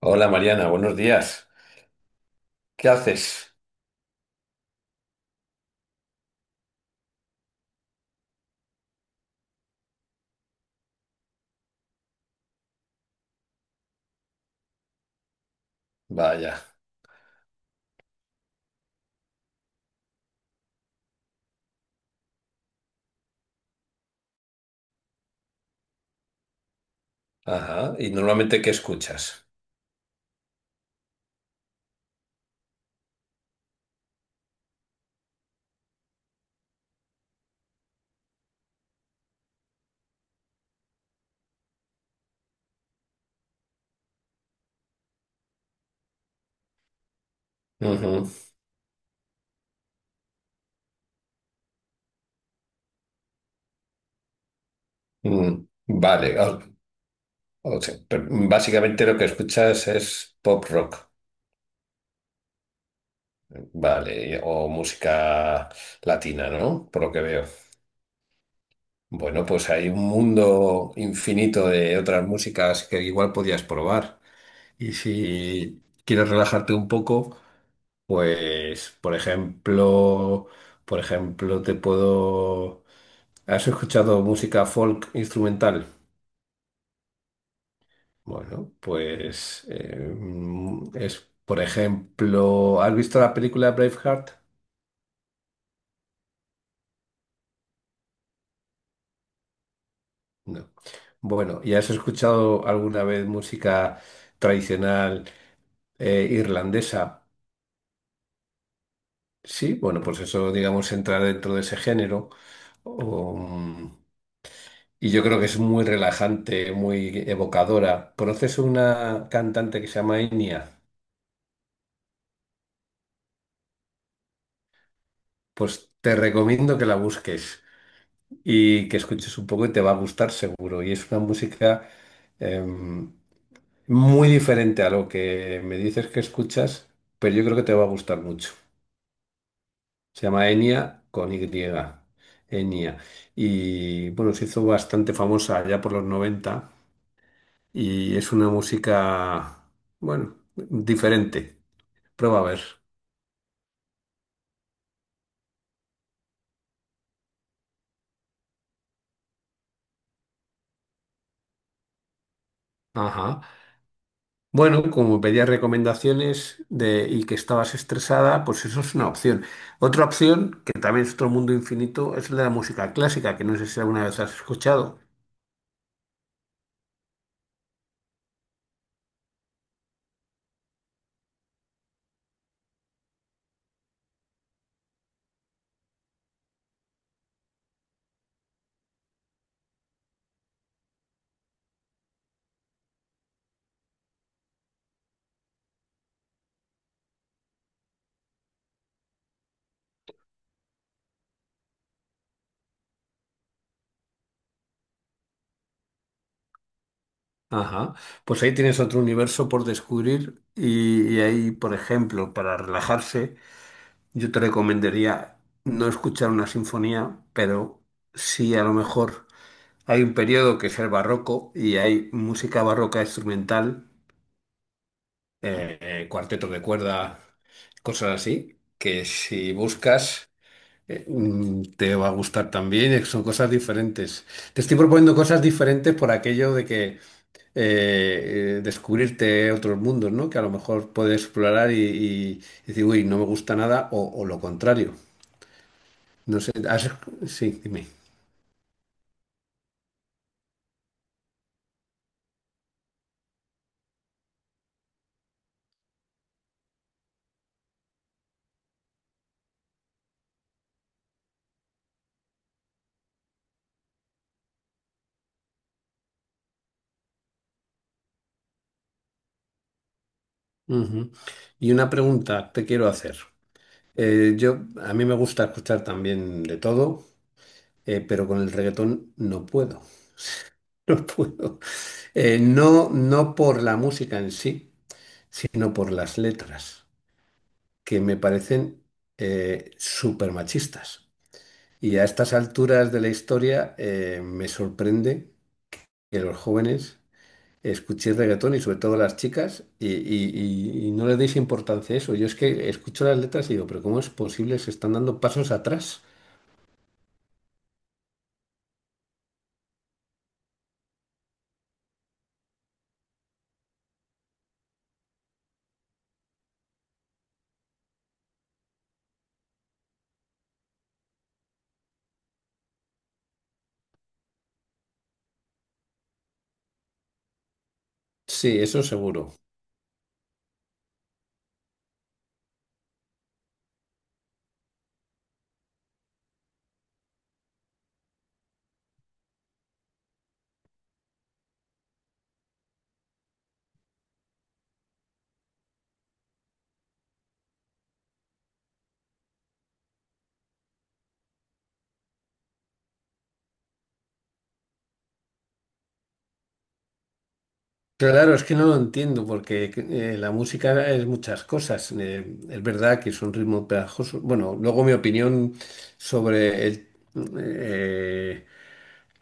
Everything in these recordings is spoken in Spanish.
Hola Mariana, buenos días. ¿Qué haces? Vaya. Ajá. ¿Y normalmente qué escuchas? Ujú. Mm, vale. O sea, pero básicamente lo que escuchas es pop rock. Vale. O música latina, ¿no? Por lo que veo. Bueno, pues hay un mundo infinito de otras músicas que igual podías probar. Y si quieres relajarte un poco, pues, por ejemplo, te puedo. ¿Has escuchado música folk instrumental? Bueno, pues es, por ejemplo, ¿has visto la película Braveheart? No. Bueno, ¿y has escuchado alguna vez música tradicional irlandesa? Sí, bueno, pues eso, digamos, entra dentro de ese género. Um, y yo creo que es muy relajante, muy evocadora. ¿Conoces una cantante que se llama Enya? Pues te recomiendo que la busques. Y que escuches un poco y te va a gustar seguro. Y es una música em, muy diferente a lo que me dices que escuchas, pero yo creo que te va a gustar mucho. Se llama Enya con Y. Enya. Y bueno, se hizo bastante famosa ya por los 90 y es una música, bueno, diferente. Prueba a ver. Ajá. Bueno, como pedías recomendaciones de, y que estabas estresada, pues eso es una opción. Otra opción, que también es otro mundo infinito, es el de la música clásica, que no sé si alguna vez has escuchado. Ajá. Pues ahí tienes otro universo por descubrir y ahí, por ejemplo, para relajarse, yo te recomendaría no escuchar una sinfonía, pero sí a lo mejor hay un periodo que es el barroco y hay música barroca instrumental, cuarteto de cuerda, cosas así, que si buscas te va a gustar también. Son cosas diferentes. Te estoy proponiendo cosas diferentes por aquello de que descubrirte otros mundos, ¿no? Que a lo mejor puedes explorar y decir, uy, no me gusta nada, o lo contrario. No sé, sí, dime. Ujú. Y una pregunta te quiero hacer. A mí me gusta escuchar también de todo, pero con el reggaetón no puedo. No puedo. No, no por la música en sí, sino por las letras, que me parecen súper machistas. Y a estas alturas de la historia me sorprende que los jóvenes escuchéis reggaetón y sobre todo las chicas y no le deis importancia a eso. Yo es que escucho las letras y digo, pero ¿cómo es posible? Se están dando pasos atrás. Sí, eso seguro. Claro, es que no lo entiendo porque la música es muchas cosas. Es verdad que es un ritmo pegajosos. Bueno, luego mi opinión sobre eh,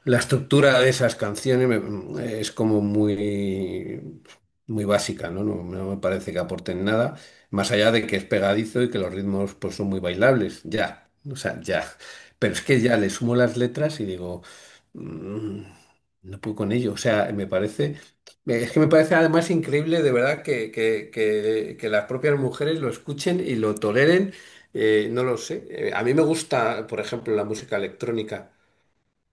la estructura de esas canciones es como muy, muy básica, ¿no? No, no me parece que aporten nada, más allá de que es pegadizo y que los ritmos pues, son muy bailables, ya, o sea, ya. Pero es que ya le sumo las letras y digo, mm, no puedo con ello, o sea, me parece, es que me parece además increíble de verdad que las propias mujeres lo escuchen y lo toleren, no lo sé. A mí me gusta, por ejemplo, la música electrónica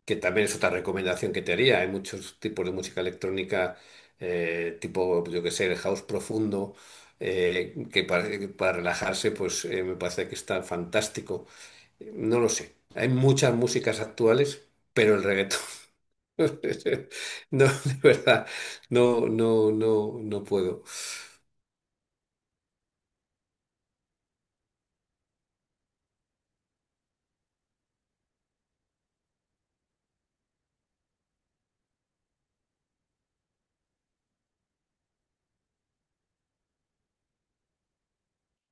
que también es otra recomendación que te haría. Hay muchos tipos de música electrónica, tipo, yo que sé, el house profundo, que para relajarse, pues me parece que está fantástico. No lo sé. Hay muchas músicas actuales, pero el reggaetón, no, de verdad, no, no, no, no puedo.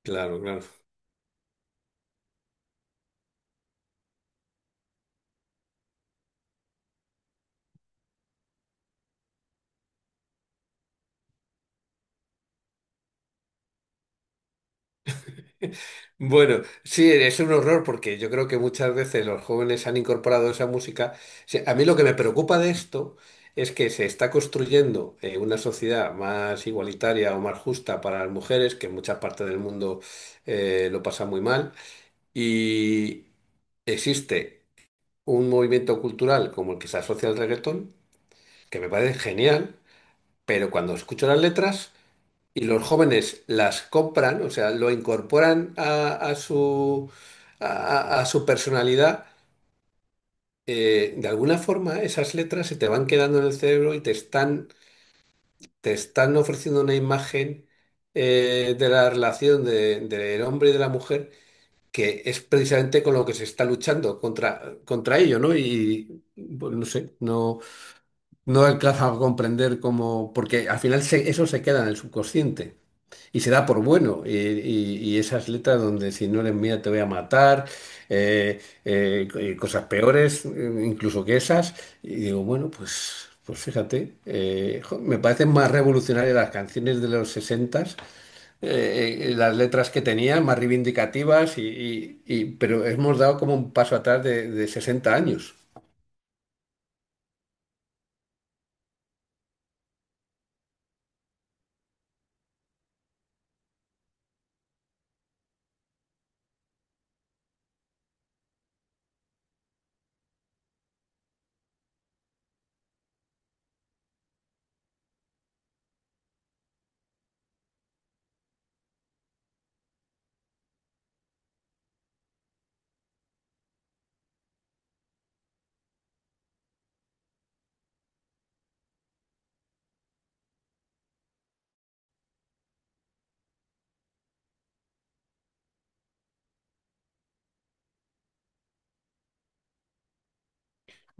Claro, claro. Bueno, sí, es un horror porque yo creo que muchas veces los jóvenes han incorporado esa música. Sí, a mí lo que me preocupa de esto es que se está construyendo una sociedad más igualitaria o más justa para las mujeres, que en muchas partes del mundo lo pasa muy mal, y existe un movimiento cultural como el que se asocia al reggaetón, que me parece genial, pero cuando escucho las letras... Y los jóvenes las compran, o sea, lo incorporan a su personalidad. De alguna forma esas letras se te van quedando en el cerebro y te están ofreciendo una imagen de la relación del hombre y de la mujer que es precisamente con lo que se está luchando contra ello, ¿no? Y pues, no sé, no, no alcanza a comprender cómo, porque al final eso se queda en el subconsciente. Y se da por bueno. Y esas letras donde si no eres mía te voy a matar, cosas peores incluso que esas. Y digo, bueno, pues, pues fíjate, jo, me parecen más revolucionarias las canciones de los 60, las letras que tenían, más reivindicativas, pero hemos dado como un paso atrás de, 60 años.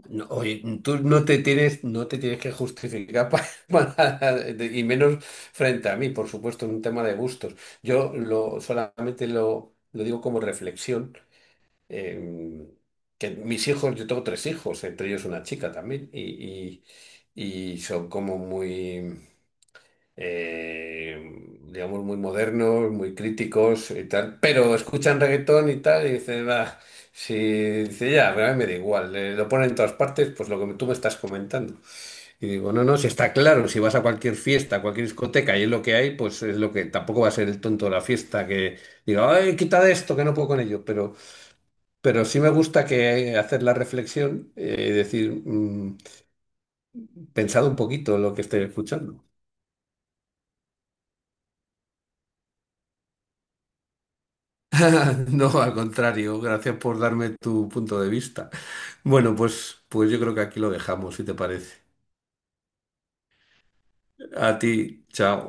No, oye, tú no te tienes que justificar y menos frente a mí, por supuesto, es un tema de gustos. Solamente lo digo como reflexión, eh, que mis hijos, yo tengo tres hijos, entre ellos una chica también, y son como muy digamos, muy modernos, muy críticos y tal, pero escuchan reggaetón y tal, y dicen, va, si dice, ya, pero a mí me da igual, lo ponen en todas partes, pues lo que tú me estás comentando. Y digo, no, no, si está claro, si vas a cualquier fiesta, a cualquier discoteca y es lo que hay, pues es lo que tampoco va a ser el tonto de la fiesta que diga, ay, quita de esto, que no puedo con ello, pero, sí me gusta que hacer la reflexión y decir, pensad un poquito lo que estoy escuchando. No, al contrario, gracias por darme tu punto de vista. Bueno, pues yo creo que aquí lo dejamos, si te parece. A ti, chao.